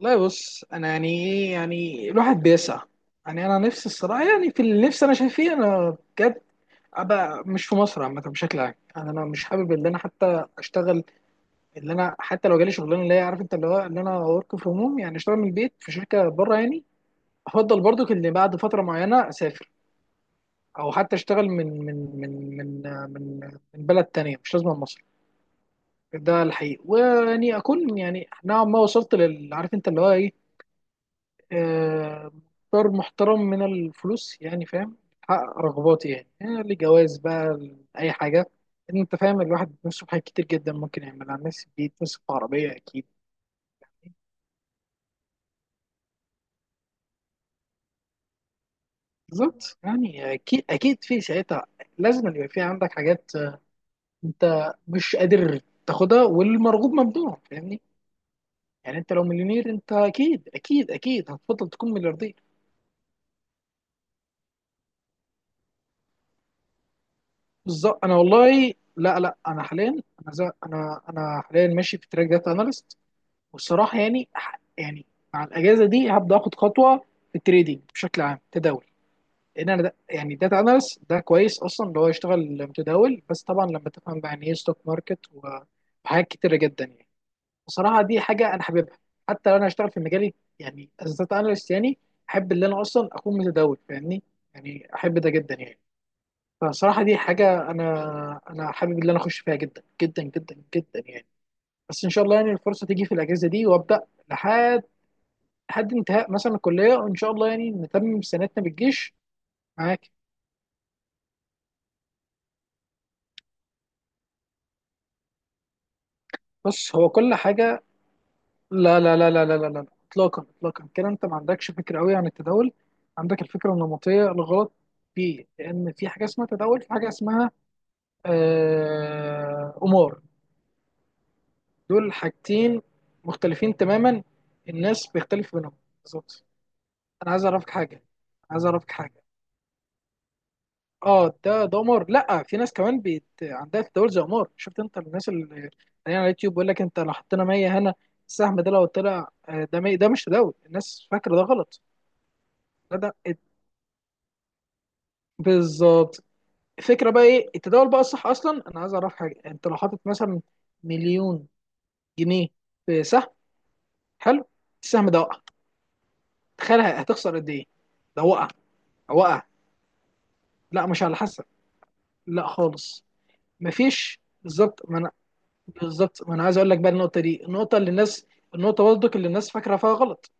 لا بص انا يعني ايه؟ يعني الواحد بيسعى. يعني انا نفسي الصراحه، يعني في اللي نفسي انا شايف فيه انا بجد، ابقى مش في مصر عامه بشكل عام. يعني انا مش حابب ان انا حتى اشتغل، اللي انا حتى لو جالي شغلانه اللي هي عارف انت اللي هو ان انا ورك فروم هوم، يعني اشتغل من البيت في شركه بره. يعني افضل برضو ان بعد فتره معينه اسافر، او حتى اشتغل من من من من بلد تانية، مش لازم من مصر. ده الحقيقي، ويعني اكون يعني نوعا ما وصلت لل عارف انت اللي هو ايه، آه، مقدار محترم من الفلوس، يعني فاهم، حقق رغباتي. يعني لجواز بقى، لأي حاجة. إن أنت فاهم، الواحد بيتمسك بحاجات كتير جدا ممكن يعملها الناس، بيتمسك بعربية أكيد. بالظبط، يعني أكيد أكيد في ساعتها لازم اللي يبقى في عندك حاجات أنت مش قادر تاخدها، والمرغوب ممنوع، فاهمني؟ يعني أنت لو مليونير أنت أكيد أكيد أكيد هتفضل تكون ملياردير. بالظبط. أنا والله لا أنا حاليا، أنا زي- أنا أنا حاليا ماشي في تراك داتا أناليست. والصراحه يعني يعني مع الاجازه دي هبدا اخد خطوه في التريدينج بشكل عام، تداول. لان انا ده يعني داتا اناليست، ده كويس اصلا اللي هو يشتغل متداول، بس طبعا لما تفهم بقى يعني ايه ستوك ماركت وحاجات كتيره جدا يعني. بصراحه دي حاجه انا حاببها، حتى لو انا هشتغل في مجالي يعني از داتا اناليست، يعني احب ان انا اصلا اكون متداول، فاهمني؟ يعني احب ده جدا يعني. فصراحه دي حاجه انا حابب ان انا اخش فيها جدا جدا جدا جدا يعني. بس ان شاء الله يعني الفرصه تيجي في الاجازه دي وابدا، لحد لحد انتهاء مثلا الكليه، وان شاء الله يعني نتمم سنتنا بالجيش. معاك. بص هو كل حاجه، لا لا لا لا لا لا لا، اطلاقا اطلاقا، كده انت ما عندكش فكره قوي عن التداول، عندك الفكره النمطيه الغلط فيه. لان في حاجه اسمها تداول، في حاجه اسمها قمار، دول حاجتين مختلفين تماما. الناس بيختلف بينهم. بالظبط. انا عايز اعرفك حاجه، عايز اعرفك حاجه. اه، ده دمار. لا، في ناس كمان عندها تداول زي قمار. شفت انت الناس اللي هي على اليوتيوب بيقول لك انت لو حطينا 100 هنا، السهم ده لو طلع ده ده مش تداول، الناس فاكره ده غلط. ده بالظبط. الفكره بقى ايه التداول بقى الصح اصلا؟ انا عايز اعرف حاجه، انت لو حاطط مثلا مليون جنيه في سهم، حلو، السهم ده وقع، تخيل هتخسر قد ايه؟ ده وقع، وقع. لا مش على حسب، لا خالص. مفيش، بالظبط. ما انا عايز اقول لك بقى، النقطه دي، النقطه اللي الناس، النقطه برضك اللي الناس فاكره فيها غلط.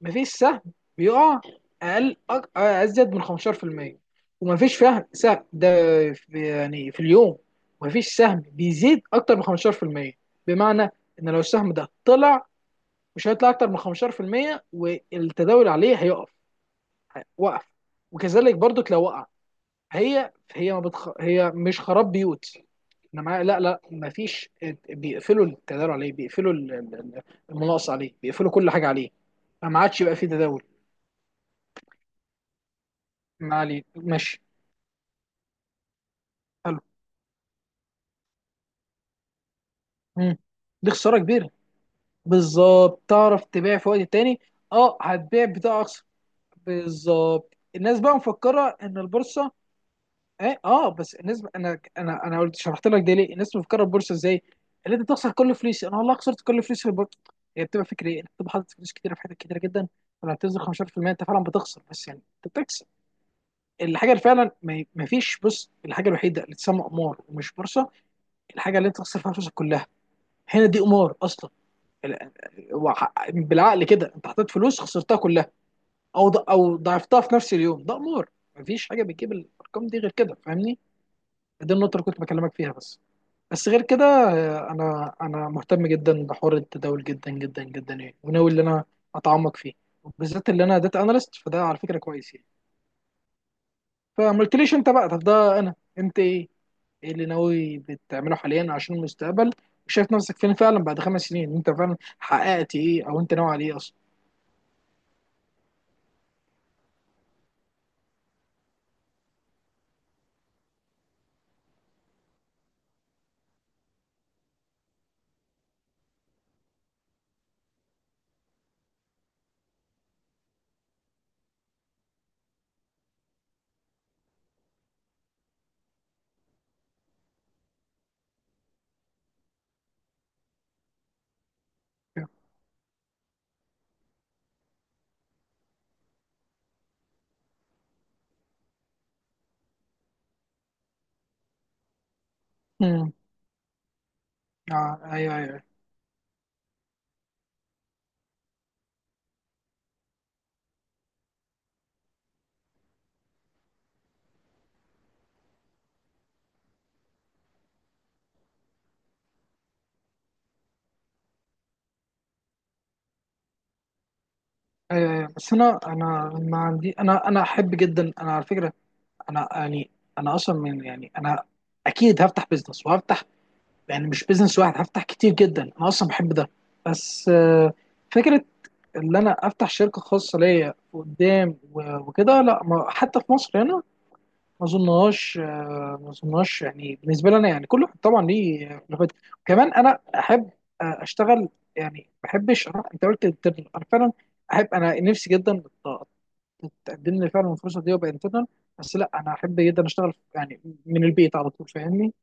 مفيش سهم بيقع اقل ازيد من 15%، ومفيش فهم سهم ده في يعني في اليوم. مفيش سهم بيزيد اكتر من 15%. بمعنى ان لو السهم ده طلع، مش هيطلع اكتر من 15% والتداول عليه هيقف، وقف. وكذلك برضك لو وقع، هي هي ما بتخ... هي مش خراب بيوت. انا معايا، لا ما فيش. بيقفلوا التداول عليه، بيقفلوا المناقصه عليه، بيقفلوا كل حاجه عليه، فما عادش يبقى فيه تداول. ما عليه، ماشي. حلو. مم. دي خساره كبيره. بالظبط، تعرف تبيع في وقت تاني. اه، هتبيع بتاع اقصى. بالظبط. الناس بقى مفكره ان البورصه ايه، اه، بس الناس، انا قلت شرحت لك ده ليه. الناس بتفكر البورصه ازاي؟ اللي انت تخسر كل فلوسي، انا والله خسرت كل فلوسي في البورصه. هي بتبقى فكره ايه؟ انت بتبقى حاطط فلوس كتيره في حاجات كتيره جدا، ولما بتنزل 15% انت فعلا بتخسر، بس يعني انت بتكسب. الحاجه اللي فعلا ما فيش، بص، الحاجه الوحيده اللي تسمى قمار ومش بورصه، الحاجه اللي انت تخسر فيها فلوسك كلها، هنا دي قمار اصلا. ال- بالعقل كده، انت حطيت فلوس خسرتها كلها، او ضعفتها في نفس اليوم، ده قمار. مفيش حاجه بتجيب الارقام دي غير كده، فاهمني؟ دي النقطه اللي كنت بكلمك فيها بس. بس غير كده انا مهتم جدا بحوار التداول، جدا جدا جدا يعني، وناوي ان انا اتعمق فيه، وبالذات اللي انا داتا اناليست، فده على فكره كويس يعني. فما قلتليش انت بقى؟ طب ده انا، انت ايه؟ ايه اللي ناوي بتعمله حاليا عشان المستقبل؟ وشايف نفسك فين فعلا بعد خمس سنين؟ انت فعلا حققت ايه، او انت ناوي على ايه اصلا؟ امم. آه، ايوه ايوه ايوه. ايوه، بس انا ما عندي، انا احب جدا، انا على فكره، انا يعني، انا اصلا من يعني، انا اكيد هفتح بزنس، وهفتح يعني مش بيزنس واحد، هفتح كتير جدا، انا اصلا بحب ده. بس فكره ان انا افتح شركه خاصه ليا قدام وكده، لا، ما حتى في مصر هنا ما اظنهاش، ما اظنهاش يعني بالنسبه لي انا. يعني كل واحد طبعا ليه خلافات. كمان انا احب اشتغل يعني، ما بحبش اروح، انت قلت انترنال، انا فعلا احب انا نفسي جدا تقدم لي فعلا الفرصه دي وابقى انترنال. بس لا، انا احب جدا اشتغل يعني من البيت على طول، فاهمني؟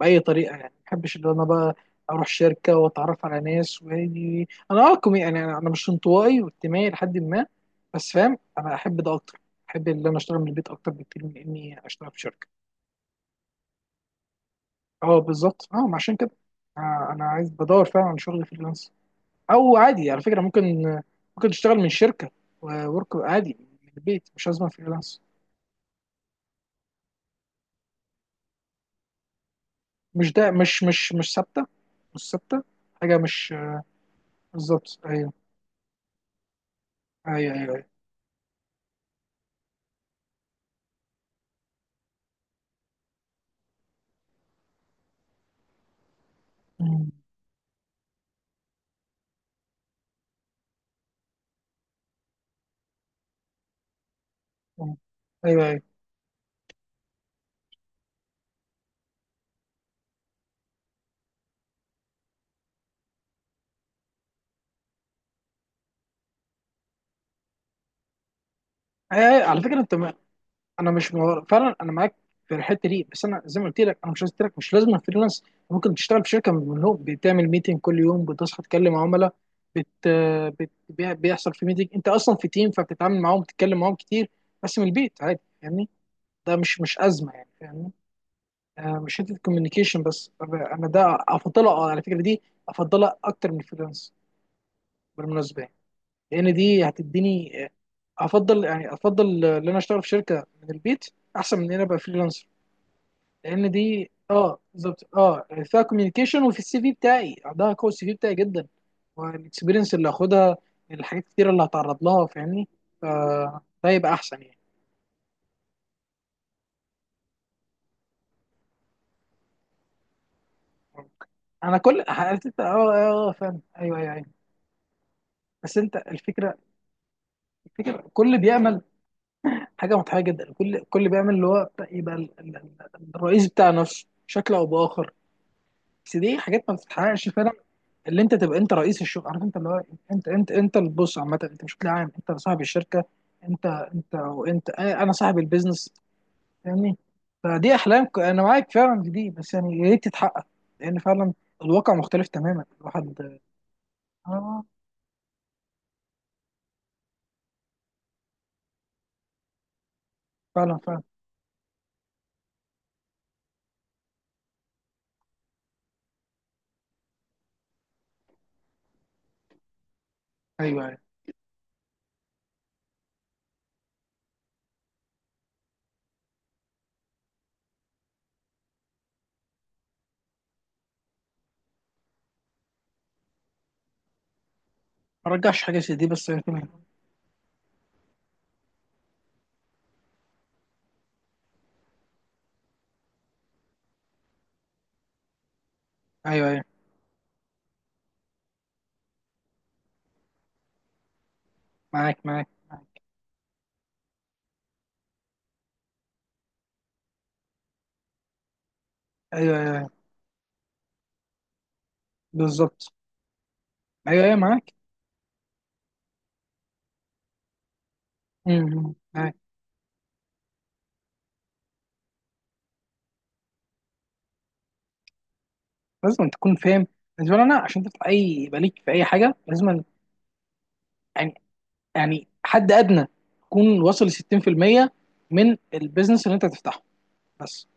باي طريقه يعني، ما بحبش ان انا بقى اروح شركه واتعرف على ناس، وهاجي انا اه كومي، يعني انا أنا مش انطوائي، واجتماعي لحد ما، بس فاهم انا احب ده اكتر. احب ان انا اشتغل من البيت اكتر بكتير من اني اشتغل في شركه. اه بالظبط، اه، ما عشان كده، آه، انا عايز، بدور فعلا على شغل فريلانس. او عادي على فكره، ممكن، ممكن تشتغل من شركه، وورك عادي من البيت، مش لازم فريلانس. مش ثابته، مش ثابته. حاجه مش، بالظبط. ايوه، ايوه، ايوه. أيوة. مم. ايوه ايوه. أيوة، أيوة، على فكره انت ما... انا مش مور... فعلا انا معاك في الحته دي. بس انا زي ما قلت لك، انا مش قلت لك مش لازم فريلانس، ممكن تشتغل في شركه من منهم، بتعمل ميتنج كل يوم، بتصحى تكلم عملاء، بت... بيحصل في ميتنج، انت اصلا في تيم، فبتتعامل معاهم، بتتكلم معاهم كتير، بس من البيت عادي، فاهمني؟ ده مش مش ازمه يعني، فاهمني؟ آه، مش حته كوميونيكيشن بس، انا ده افضلها، على فكره دي افضلها اكتر من الفريلانس بالمناسبه، لان دي هتديني افضل، يعني افضل ان انا اشتغل في شركه من البيت احسن من ان انا ابقى فريلانسر. لان دي، اه بالظبط، اه، فيها كوميونيكيشن، وفي السي في بتاعي عندها قوه السي في بتاعي جدا، والاكسبيرينس اللي هاخدها، الحاجات كتير اللي هتعرض لها، فاهمني؟ فده يبقى احسن يعني. انا كل عرفت انت، اه اه، فاهم، ايوه ايوه ايوه. بس انت الفكره، الفكره كل بيعمل حاجه مضحكه جدا، كل بيعمل اللي هو يبقى الرئيس بتاع نفسه بشكل او باخر. بس دي حاجات ما بتتحققش فعلا، اللي انت تبقى انت رئيس الشغل، عارف انت اللي هو، انت البوس عامه، انت مش بتلاقي عام انت صاحب الشركه، انت وانت اه، انا صاحب البيزنس، فاهمني؟ انا معاك فعلا في دي، بس يعني يا ريت تتحقق، لان فعلا الواقع مختلف تماما الواحد. اه فعلا فعلا. ايوه ايوه. ما رجعش حاجه زي دي، بس يعني تمام. ايوه ايوه، معاك، معاك. ايوه ايوه. أيوة. بالظبط. ايوه ايوه، معاك. امم، معاك. لازم تكون فاهم. بالنسبه لي انا، عشان تفتح اي، يبقى ليك في اي حاجه، لازم يعني حد ادنى يكون واصل ل 60% من البيزنس اللي انت هتفتحه، بس.